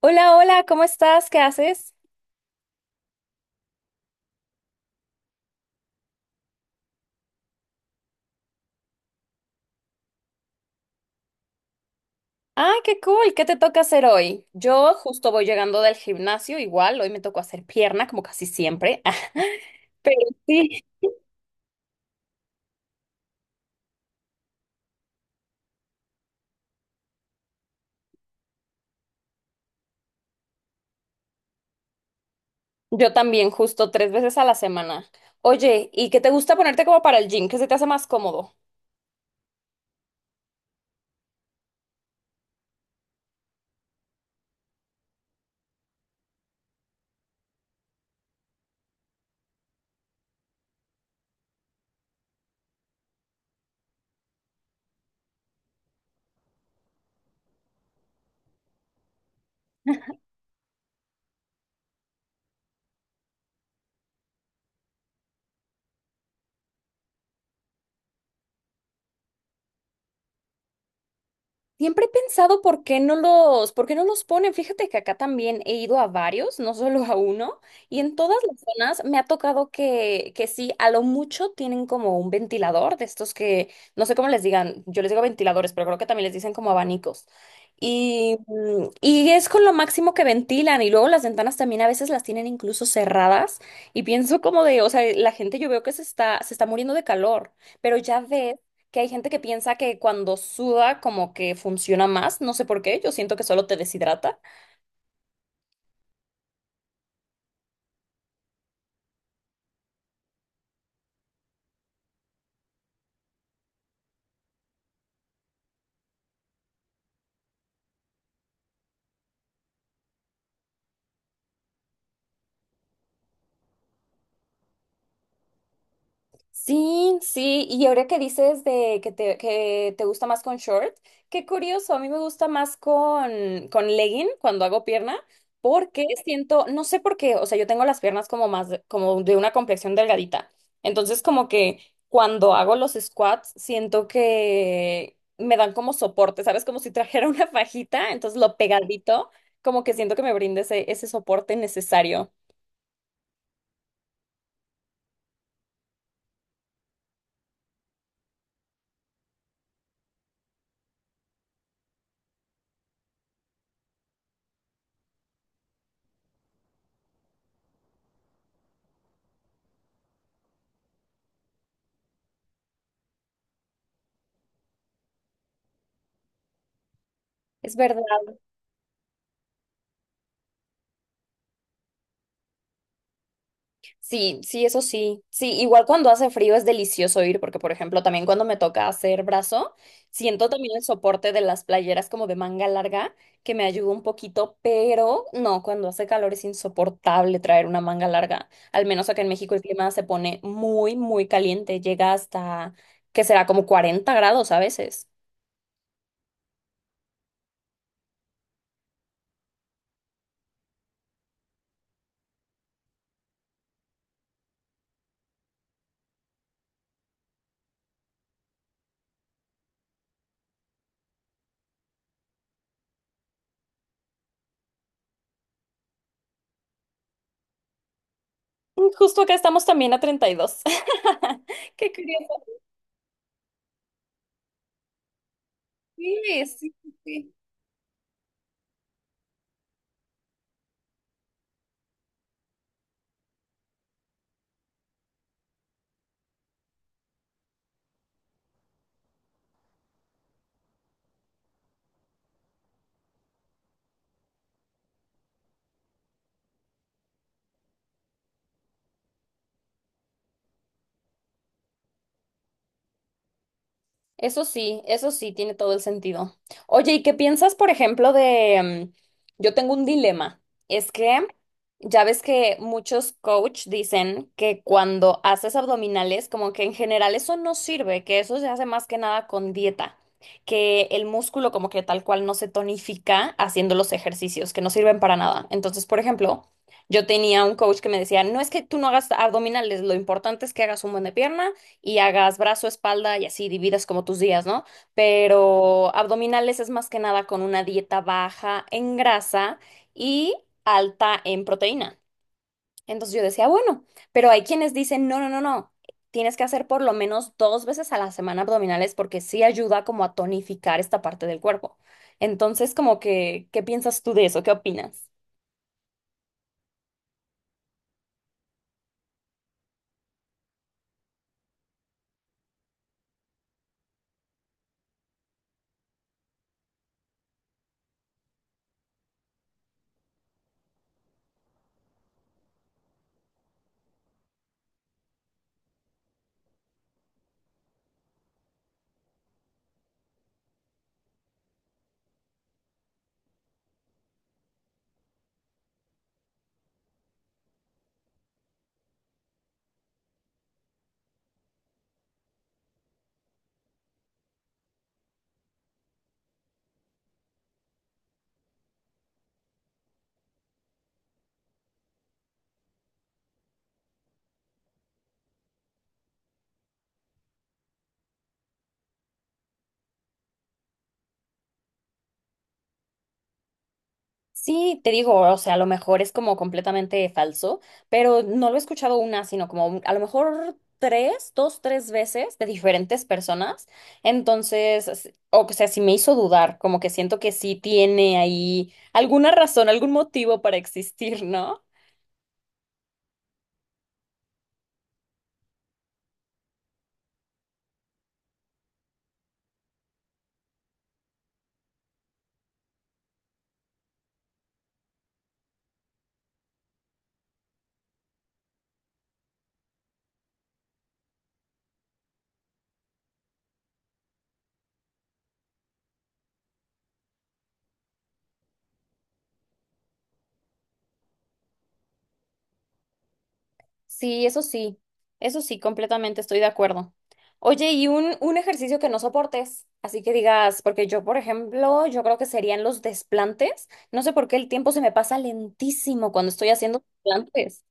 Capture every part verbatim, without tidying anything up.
Hola, hola, ¿cómo estás? ¿Qué haces? Ah, qué cool, ¿qué te toca hacer hoy? Yo justo voy llegando del gimnasio, igual, hoy me tocó hacer pierna, como casi siempre. Pero sí. Yo también, justo tres veces a la semana. Oye, ¿y qué te gusta ponerte como para el gym? ¿Qué se te hace más cómodo? Siempre he pensado por qué no los, por qué no los ponen. Fíjate que acá también he ido a varios, no solo a uno, y en todas las zonas me ha tocado que, que sí, a lo mucho tienen como un ventilador de estos que, no sé cómo les digan, yo les digo ventiladores, pero creo que también les dicen como abanicos. Y, mm, y es con lo máximo que ventilan, y luego las ventanas también a veces las tienen incluso cerradas, y pienso como de, o sea, la gente yo veo que se está, se está muriendo de calor, pero ya ves que hay gente que piensa que cuando suda como que funciona más, no sé por qué, yo siento que solo te deshidrata. Sí, sí, y ahora que dices de que te, que te gusta más con short, qué curioso, a mí me gusta más con, con legging cuando hago pierna, porque siento, no sé por qué, o sea, yo tengo las piernas como más, de- como de una complexión delgadita, entonces como que cuando hago los squats siento que me dan como soporte, ¿sabes? Como si trajera una fajita, entonces lo pegadito, como que siento que me brinde ese, ese soporte necesario. Es verdad. Sí, sí, eso sí. Sí, igual cuando hace frío es delicioso ir, porque por ejemplo, también cuando me toca hacer brazo, siento también el soporte de las playeras como de manga larga, que me ayuda un poquito, pero no, cuando hace calor es insoportable traer una manga larga. Al menos acá en México el clima se pone muy, muy caliente, llega hasta que será como cuarenta grados a veces. Justo acá estamos también a treinta y dos. Qué curioso. Sí, sí, sí. Eso sí, eso sí, tiene todo el sentido. Oye, ¿y qué piensas, por ejemplo, de... mm, Yo tengo un dilema. Es que ya ves que muchos coach dicen que cuando haces abdominales, como que en general eso no sirve, que eso se hace más que nada con dieta, que el músculo como que tal cual no se tonifica haciendo los ejercicios, que no sirven para nada. Entonces, por ejemplo, yo tenía un coach que me decía, no es que tú no hagas abdominales, lo importante es que hagas un buen de pierna y hagas brazo, espalda y así dividas como tus días, ¿no? Pero abdominales es más que nada con una dieta baja en grasa y alta en proteína. Entonces yo decía, bueno, pero hay quienes dicen, no, no, no, no, tienes que hacer por lo menos dos veces a la semana abdominales porque sí ayuda como a tonificar esta parte del cuerpo. Entonces, como que, ¿qué piensas tú de eso? ¿Qué opinas? Sí, te digo, o sea, a lo mejor es como completamente falso, pero no lo he escuchado una, sino como un- a lo mejor tres, dos, tres veces de diferentes personas. Entonces, s- o sea, sí me hizo dudar, como que siento que sí tiene ahí alguna razón, algún motivo para existir, ¿no? Sí, eso sí, eso sí, completamente estoy de acuerdo. Oye, y un, un ejercicio que no soportes, así que digas, porque yo, por ejemplo, yo creo que serían los desplantes. No sé por qué el tiempo se me pasa lentísimo cuando estoy haciendo desplantes.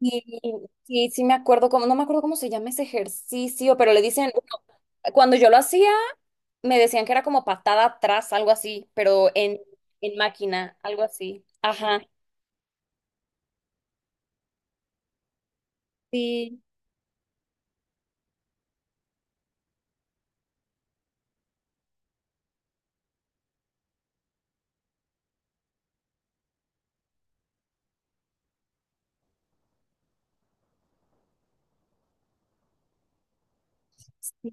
Y sí, sí me acuerdo cómo, no me acuerdo cómo se llama ese ejercicio, pero le dicen, bueno, cuando yo lo hacía, me decían que era como patada atrás, algo así, pero en, en máquina, algo así. Ajá. Sí. Sí.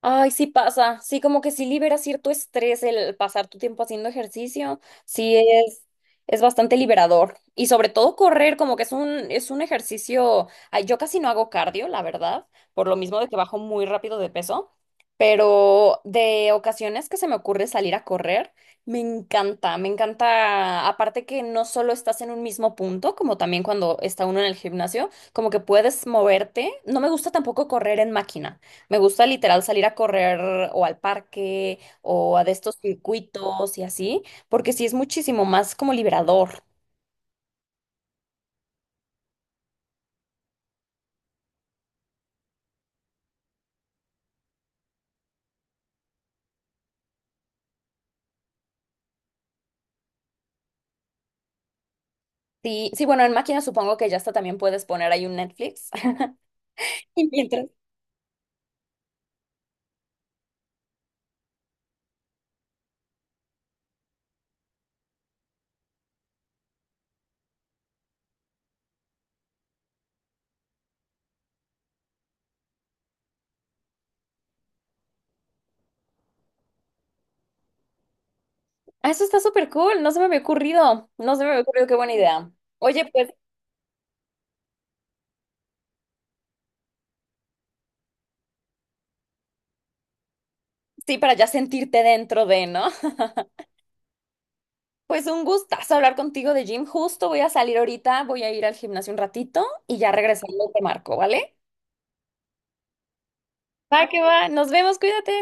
Ay, sí pasa, sí, como que sí libera cierto estrés el pasar tu tiempo haciendo ejercicio, sí es, es bastante liberador. Y sobre todo correr, como que es un, es un ejercicio, ay, yo casi no hago cardio, la verdad, por lo mismo de que bajo muy rápido de peso, pero de ocasiones que se me ocurre salir a correr, me encanta, me encanta, aparte que no solo estás en un mismo punto, como también cuando está uno en el gimnasio, como que puedes moverte, no me gusta tampoco correr en máquina. Me gusta literal salir a correr o al parque o a de estos circuitos y así, porque sí es muchísimo más como liberador. Sí, sí, bueno, en máquina supongo que ya hasta también puedes poner ahí un Netflix. Y mientras. Ah, eso está súper cool, no se me había ocurrido, no se me había ocurrido, qué buena idea. Oye, pues sí, para ya sentirte dentro de, ¿no? Pues un gustazo hablar contigo de gym, justo voy a salir ahorita, voy a ir al gimnasio un ratito y ya regresando te marco, ¿vale? Va que va, nos vemos, cuídate.